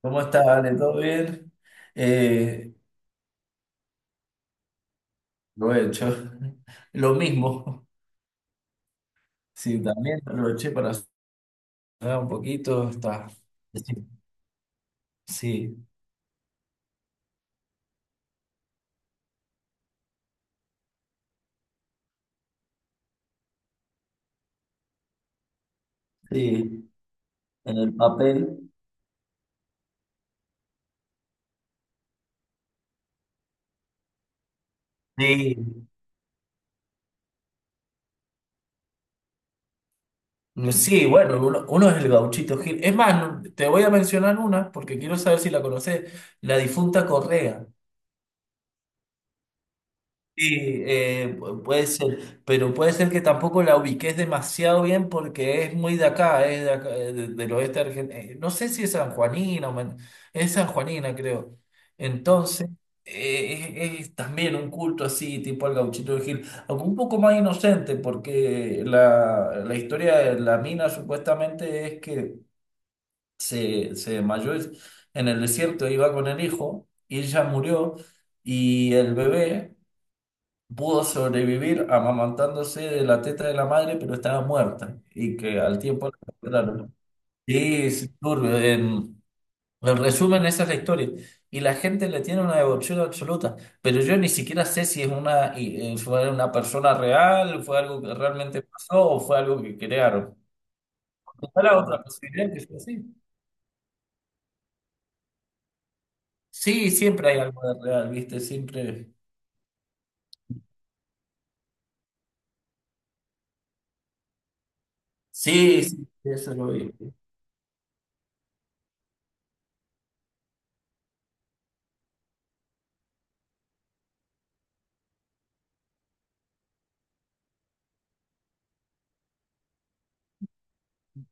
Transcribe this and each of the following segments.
¿Cómo estás, Ale? ¿Todo bien? Eh, lo he hecho. Lo mismo. Sí, también lo eché para sacar un poquito. Está. Sí, sí, sí, en el papel. Sí, sí, bueno, uno es el Gauchito Gil. Es más, te voy a mencionar una porque quiero saber si la conoces. La difunta Correa. Sí, puede ser, pero puede ser que tampoco la ubiques demasiado bien porque es muy de acá, es de acá, del oeste argentino. No sé si es sanjuanina, es sanjuanina creo. Entonces, es también un culto así, tipo al gauchito de Gil, aunque un poco más inocente porque la historia de la mina supuestamente es que se desmayó en el desierto, iba con el hijo y ella murió y el bebé pudo sobrevivir amamantándose de la teta de la madre, pero estaba muerta y que al tiempo la capturaron. Sí, es turbio. En resumen, esa es la historia. Y la gente le tiene una devoción absoluta, pero yo ni siquiera sé si es una, fue una persona real, fue algo que realmente pasó o fue algo que crearon. ¿Está la otra posibilidad que sea así? Sí, siempre hay algo de real, ¿viste? Siempre. Sí, sí, eso lo vi.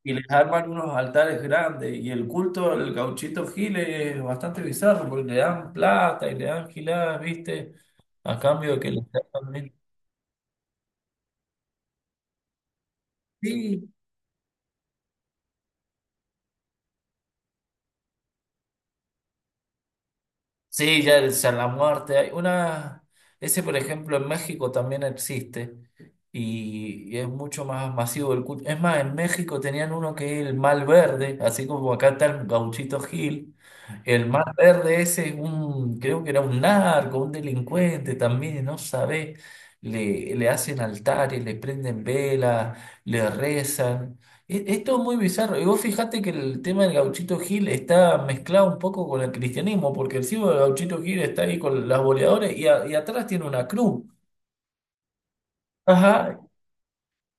Y les arman unos altares grandes. Y el culto al gauchito Giles es bastante bizarro porque le dan plata y le dan giladas, ¿viste? A cambio de que les hagan. Sí, sí, ya el muerte Hay una. Ese, por ejemplo, en México también existe. Y es mucho más masivo el culto. Es más, en México tenían uno que es el mal verde, así como acá está el Gauchito Gil. El mal verde ese es un, creo que era un narco, un delincuente también, no sabés. Le hacen altares, le prenden velas, le rezan. Esto es muy bizarro. Y vos fijate que el tema del Gauchito Gil está mezclado un poco con el cristianismo, porque el símbolo del Gauchito Gil está ahí con las boleadoras y atrás tiene una cruz. Ajá.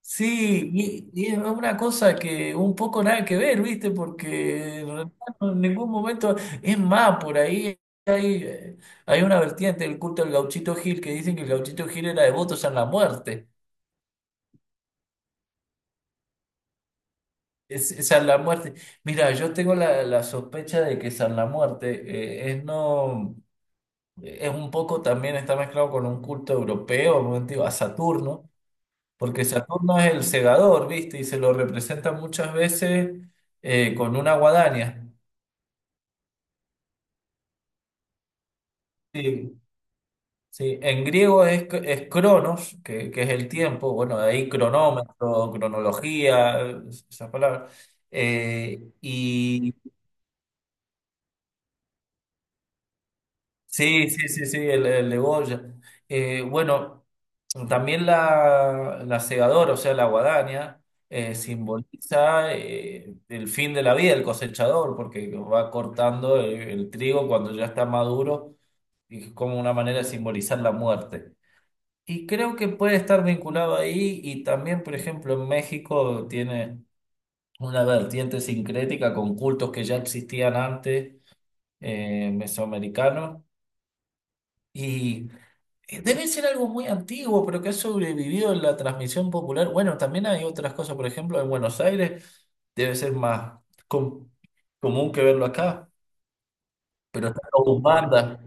Sí, y es una cosa que un poco nada que ver, ¿viste? Porque en realidad en ningún momento es más por ahí. Hay, hay una vertiente del culto del Gauchito Gil que dicen que el Gauchito Gil era devoto a la muerte. Es San La Muerte. Mira, yo tengo la, la sospecha de que San La Muerte es no es un poco también está mezclado con un culto europeo, un culto a Saturno, porque Saturno es el segador, ¿viste? Y se lo representa muchas veces con una guadaña. Sí, sí. En griego es Cronos, que es el tiempo, bueno, de ahí cronómetro, cronología, esas palabras. Eh, y Sí, sí, sí, sí, el de Goya. Bueno, también la segadora, o sea, la guadaña, simboliza el fin de la vida del cosechador, porque va cortando el trigo cuando ya está maduro, y es como una manera de simbolizar la muerte. Y creo que puede estar vinculado ahí, y también, por ejemplo, en México tiene una vertiente sincrética con cultos que ya existían antes, mesoamericanos y debe ser algo muy antiguo, pero que ha sobrevivido en la transmisión popular. Bueno, también hay otras cosas, por ejemplo, en Buenos Aires debe ser más com- común que verlo acá, pero están los bandas.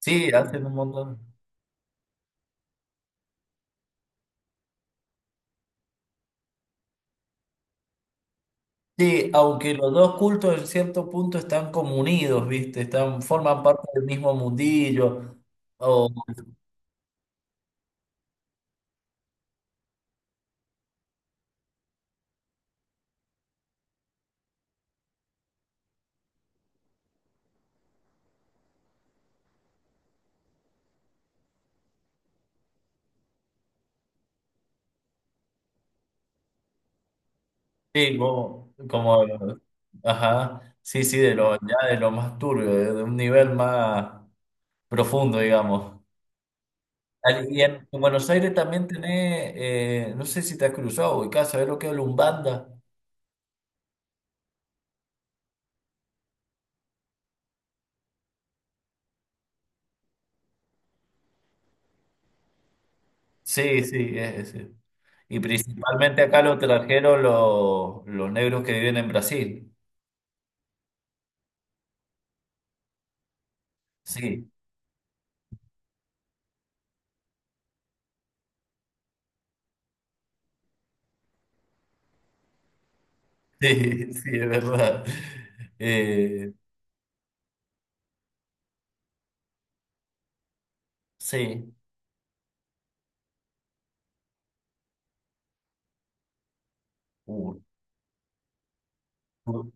Sí, hacen un montón. Sí, aunque los dos cultos en cierto punto están como unidos, ¿viste? Están, forman parte del mismo mundillo. O, sí, ajá, sí, sí, de lo, ya de lo más turbio, de un nivel más profundo, digamos. Y en Buenos Aires también tenés, no sé si te has cruzado, ubicás, ¿sabés lo que es Lumbanda? Sí, sí, es, sí. Y principalmente acá los trajeron los negros que viven en Brasil. Sí, sí, sí, es verdad. Eh, sí, Uh, tur-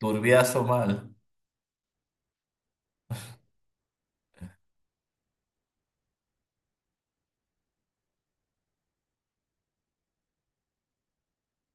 turbiazo mal.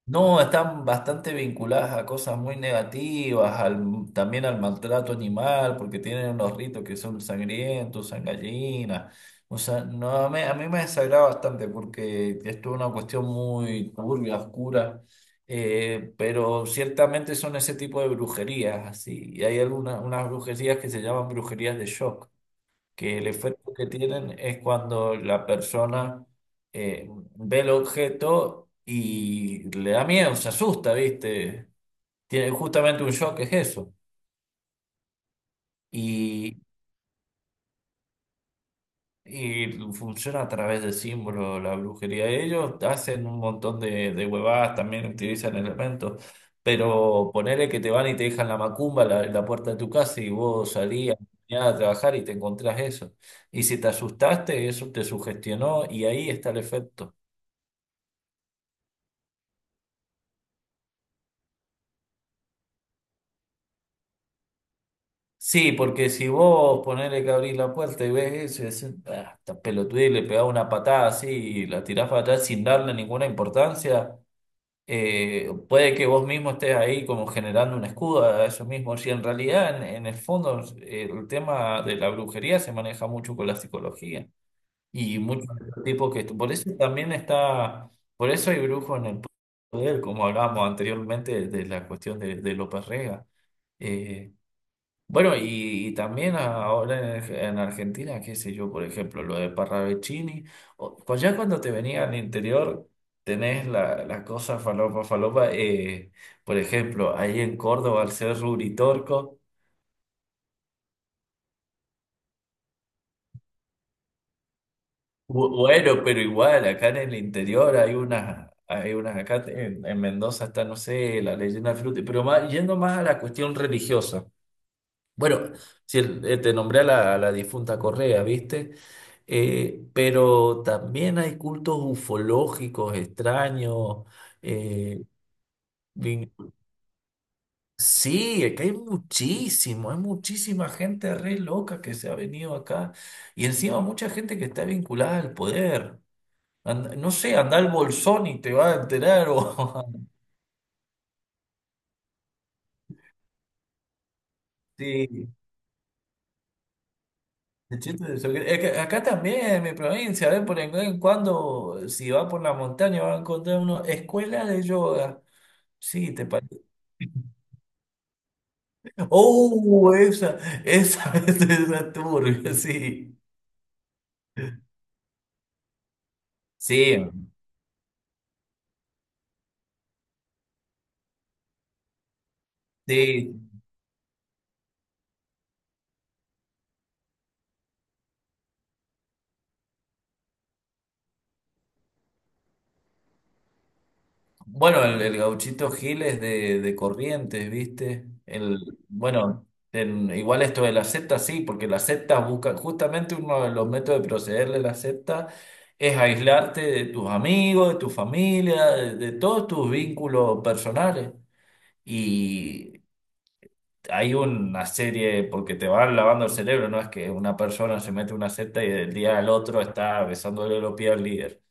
No, están bastante vinculadas a cosas muy negativas, también al maltrato animal, porque tienen unos ritos que son sangrientos, sangallinas. O sea, no, a mí me desagrada bastante porque esto es una cuestión muy turbia, oscura, pero ciertamente son ese tipo de brujerías, así. Y hay algunas unas brujerías que se llaman brujerías de shock que el efecto que tienen es cuando la persona eh, ve el objeto y le da miedo, se asusta, ¿viste? Tiene justamente un shock, es eso. Y, y funciona a través de símbolos la brujería. Ellos hacen un montón de huevadas, también utilizan elementos. Pero ponele que te van y te dejan la macumba en la puerta de tu casa y vos salías mañana a trabajar y te encontrás eso. Y si te asustaste, eso te sugestionó y ahí está el efecto. Sí, porque si vos ponele que abrís la puerta y ves eso y decís, "Ah, esta pelotudez", y le pegás una patada así y la tirás para atrás sin darle ninguna importancia, puede que vos mismo estés ahí como generando un escudo a eso mismo. Si en realidad, en el fondo, el tema de la brujería se maneja mucho con la psicología y muchos de los tipos que... Por eso también está, por eso hay brujos en el poder, como hablábamos anteriormente de, la cuestión de López Rega. Eh, bueno, y también ahora en Argentina, qué sé yo, por ejemplo, lo de Parravicini, ya cuando te venía al interior, tenés la, la cosa falopa, falopa, por ejemplo, ahí en Córdoba, al ser Uritorco, bueno, pero igual, acá en el interior hay unas, acá en Mendoza está, no sé, la leyenda del Fruti, pero más, yendo más a la cuestión religiosa. Bueno, si el- te nombré a la difunta Correa, ¿viste? Pero también hay cultos ufológicos extraños. eh, vin- sí, es que hay muchísimo, hay muchísima gente re loca que se ha venido acá. Y encima mucha gente que está vinculada al poder. No sé, anda al Bolsón y te va a enterar. O, sí. El chiste de eso, es que acá también, en mi provincia, ¿ves? Por en cuando, si va por la montaña, va a encontrar una escuela de yoga. Sí, te parece. ¡Oh! Esa, esa, turbia, sí. Sí, sí. Bueno, el gauchito Gil es de Corrientes, ¿viste? El, bueno, igual esto de la secta sí, porque las sectas buscan, justamente uno de los métodos de proceder de la secta es aislarte de tus amigos, de tu familia, de todos tus vínculos personales. Y hay una serie, porque te van lavando el cerebro, no es que una persona se mete en una secta y del día al otro está besándole los pies al líder.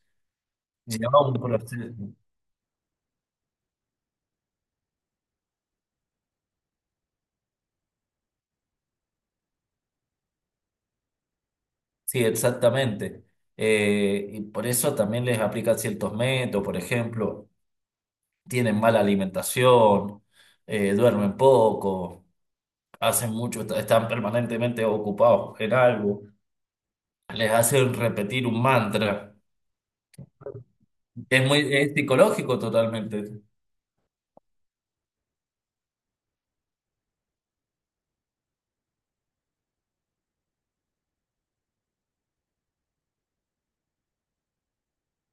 Lleva un proceso. Sí, exactamente. Y por eso también les aplican ciertos métodos, por ejemplo, tienen mala alimentación, duermen poco, hacen mucho, están permanentemente ocupados en algo, les hacen repetir un mantra. Es muy, es psicológico totalmente.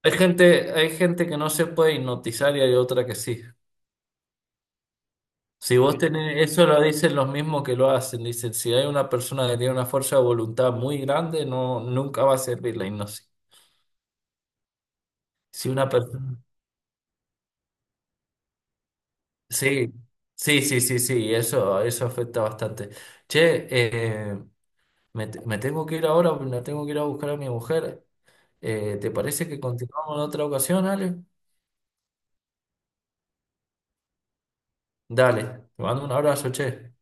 Hay gente que no se puede hipnotizar y hay otra que sí. Si vos tenés, eso lo dicen los mismos que lo hacen, dicen, si hay una persona que tiene una fuerza de voluntad muy grande, no, nunca va a servir la hipnosis. Si una persona. Sí, sí, sí, sí, sí, eso afecta bastante. Che, me tengo que ir ahora, la tengo que ir a buscar a mi mujer. ¿Te parece que continuamos en otra ocasión, Ale? Dale, te mando un abrazo, che.